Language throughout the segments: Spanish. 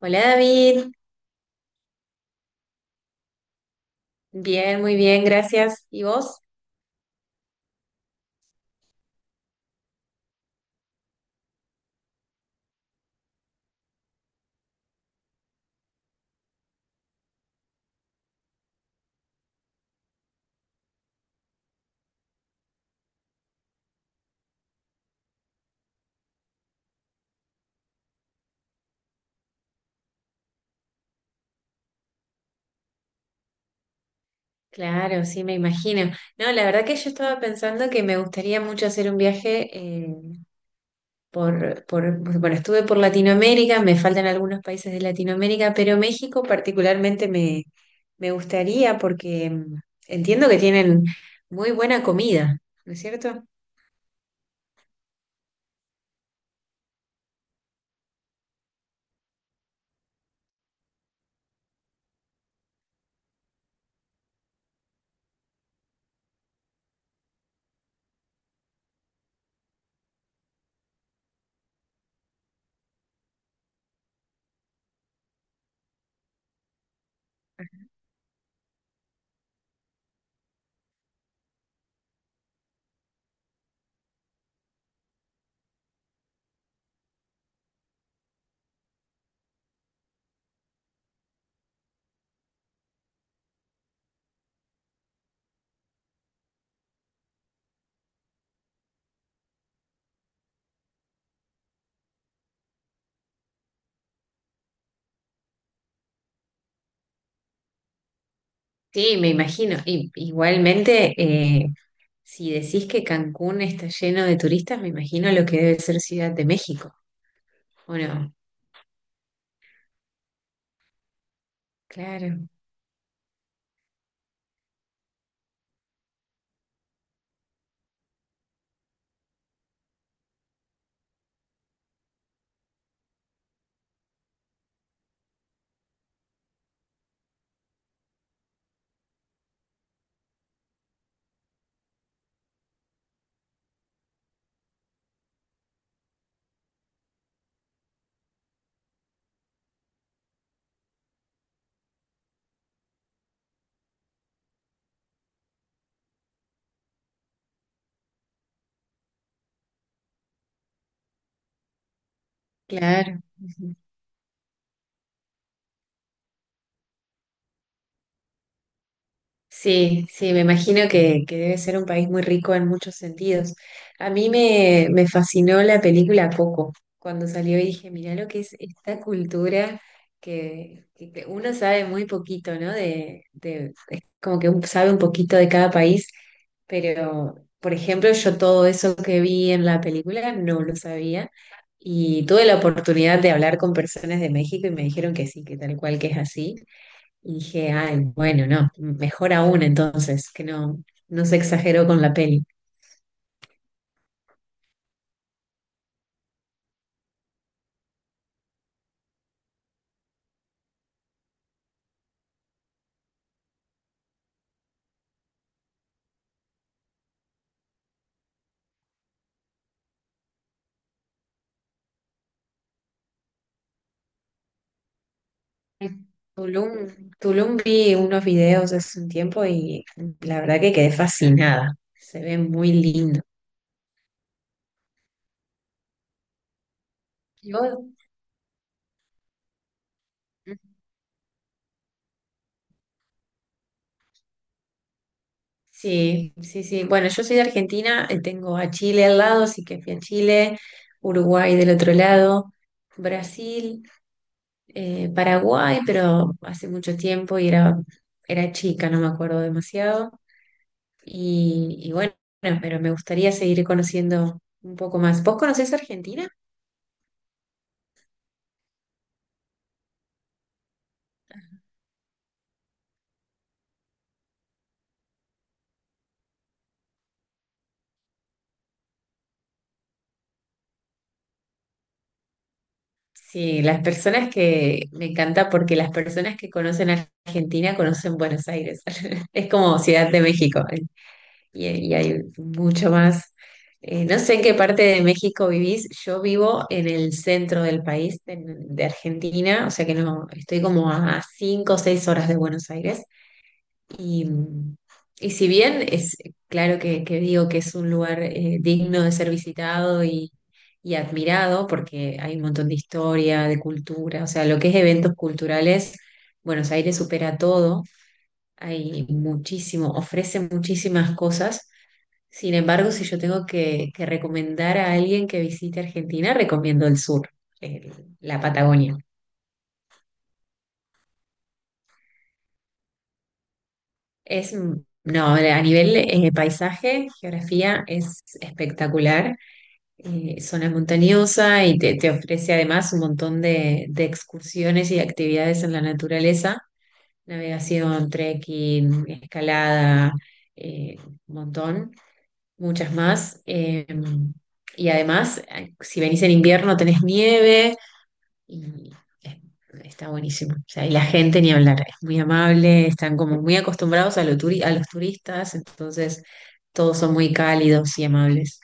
Hola David, bien, muy bien, gracias. ¿Y vos? Claro, sí, me imagino. No, la verdad que yo estaba pensando que me gustaría mucho hacer un viaje bueno, estuve por Latinoamérica, me faltan algunos países de Latinoamérica, pero México particularmente me gustaría porque entiendo que tienen muy buena comida, ¿no es cierto? Sí, me imagino. Y, igualmente, si decís que Cancún está lleno de turistas, me imagino lo que debe ser Ciudad de México. ¿O no? Claro, claro. Ujú. Sí, sí, me imagino que debe ser un país muy rico en muchos sentidos. A mí me fascinó la película Coco. Cuando salió y dije, mirá lo que es esta cultura que uno sabe muy poquito, ¿no? Es como que uno sabe un poquito de cada país, pero, por ejemplo, yo todo eso que vi en la película no lo sabía. Y tuve la oportunidad de hablar con personas de México y me dijeron que sí, que tal cual que es así. Y dije, ay, bueno, no, mejor aún entonces, que no, no se exageró con la peli. En Tulum vi unos videos hace un tiempo y la verdad que quedé fascinada. Se ve muy lindo. ¿Y vos? Sí, sí, sí. Bueno, yo soy de Argentina, tengo a Chile al lado, así que fui a Chile, Uruguay del otro lado, Brasil, Paraguay, pero hace mucho tiempo era chica, no me acuerdo demasiado. Y bueno, pero me gustaría seguir conociendo un poco más. ¿Vos conocés Argentina? Sí, las personas que me encanta porque las personas que conocen Argentina conocen Buenos Aires. Es como Ciudad de México. ¿Eh? Y hay mucho más. No sé en qué parte de México vivís. Yo vivo en el centro del país, de Argentina, o sea que no, estoy como a 5 o 6 horas de Buenos Aires. Y, y si bien es claro que digo que es un lugar digno de ser visitado y admirado, porque hay un montón de historia, de cultura, o sea, lo que es eventos culturales, Buenos Aires supera todo, hay muchísimo, ofrece muchísimas cosas. Sin embargo, si yo tengo que recomendar a alguien que visite Argentina, recomiendo el sur, el- la Patagonia. Es, mm, no, a nivel paisaje, geografía, es espectacular zona montañosa y te ofrece además un montón de excursiones y de actividades en la naturaleza, navegación, trekking, escalada, eh, un montón, muchas más. Y además, si venís en invierno tenés nieve y es- está buenísimo. O sea, y la gente ni hablar, es muy amable, están como muy acostumbrados a los turistas, entonces todos son muy cálidos y amables.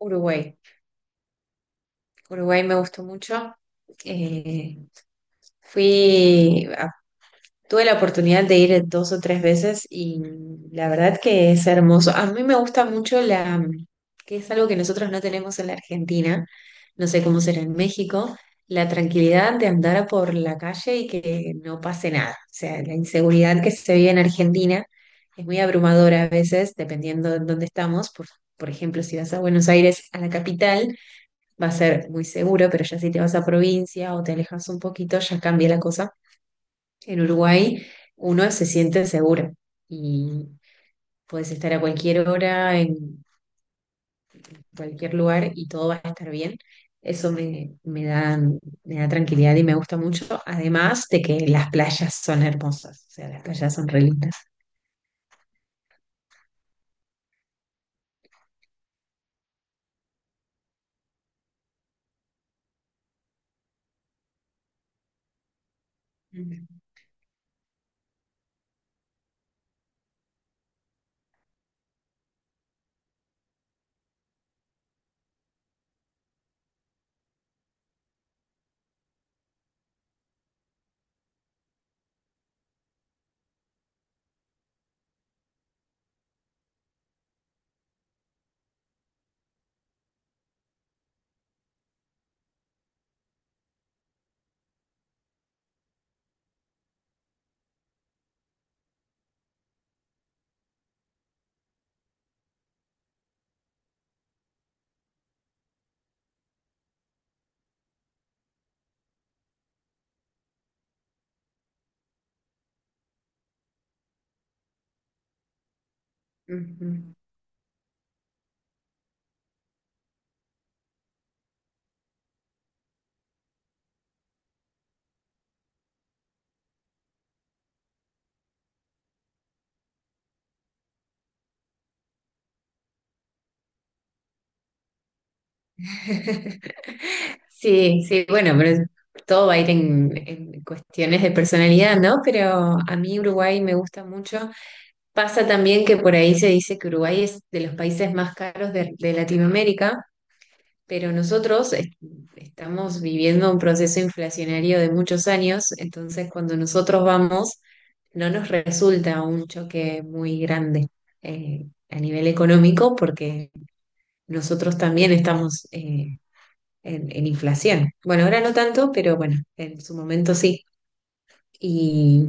Uruguay. Uruguay me gustó mucho. Eh, fui, a- tuve la oportunidad de ir dos o tres veces y la verdad que es hermoso. A mí me gusta mucho que es algo que nosotros no tenemos en la Argentina, no sé cómo será en México, la tranquilidad de andar por la calle y que no pase nada. O sea, la inseguridad que se vive en Argentina es muy abrumadora a veces, dependiendo de dónde estamos. Por ejemplo, si vas a Buenos Aires, a la capital va a ser muy seguro, pero ya si te vas a provincia o te alejas un poquito, ya cambia la cosa. En Uruguay uno se siente seguro y puedes estar a cualquier hora, en cualquier lugar y todo va a estar bien. Eso me da tranquilidad y me gusta mucho, además de que las playas son hermosas, o sea, las playas son re lindas. Ujú. Ujú. Sí, sí, bueno, todo va a ir en cuestiones de personalidad, ¿no? Pero a mí Uruguay me gusta mucho. Pasa también que por ahí se dice que Uruguay es de los países más caros de Latinoamérica, pero estamos viviendo un proceso inflacionario de muchos años, entonces cuando nosotros vamos, no nos resulta un choque muy grande a nivel económico porque nosotros también estamos... en inflación. Bueno, ahora no tanto, pero bueno, en su momento sí. Y,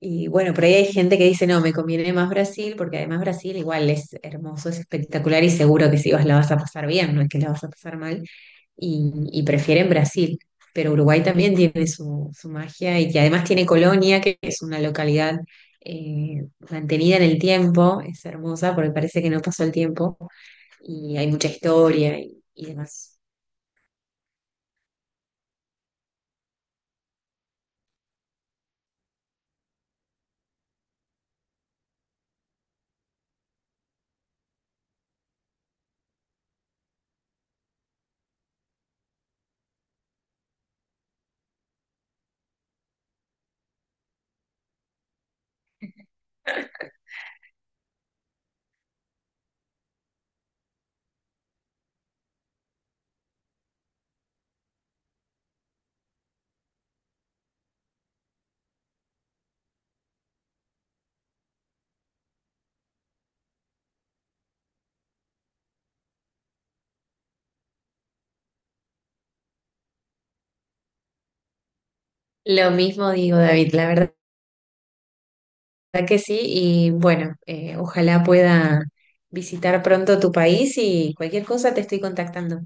y bueno, por ahí hay gente que dice, no, me conviene más Brasil, porque además Brasil igual es hermoso, es espectacular y seguro que si vas la vas a pasar bien, no es que la vas a pasar mal, y prefieren Brasil. Pero Uruguay también tiene su magia y que además tiene Colonia, que es una localidad mantenida en el tiempo, es hermosa porque parece que no pasó el tiempo y hay mucha historia y demás. Lo mismo digo, David, la verdad verdad que sí, y bueno, ojalá pueda visitar pronto tu país y cualquier cosa te estoy contactando.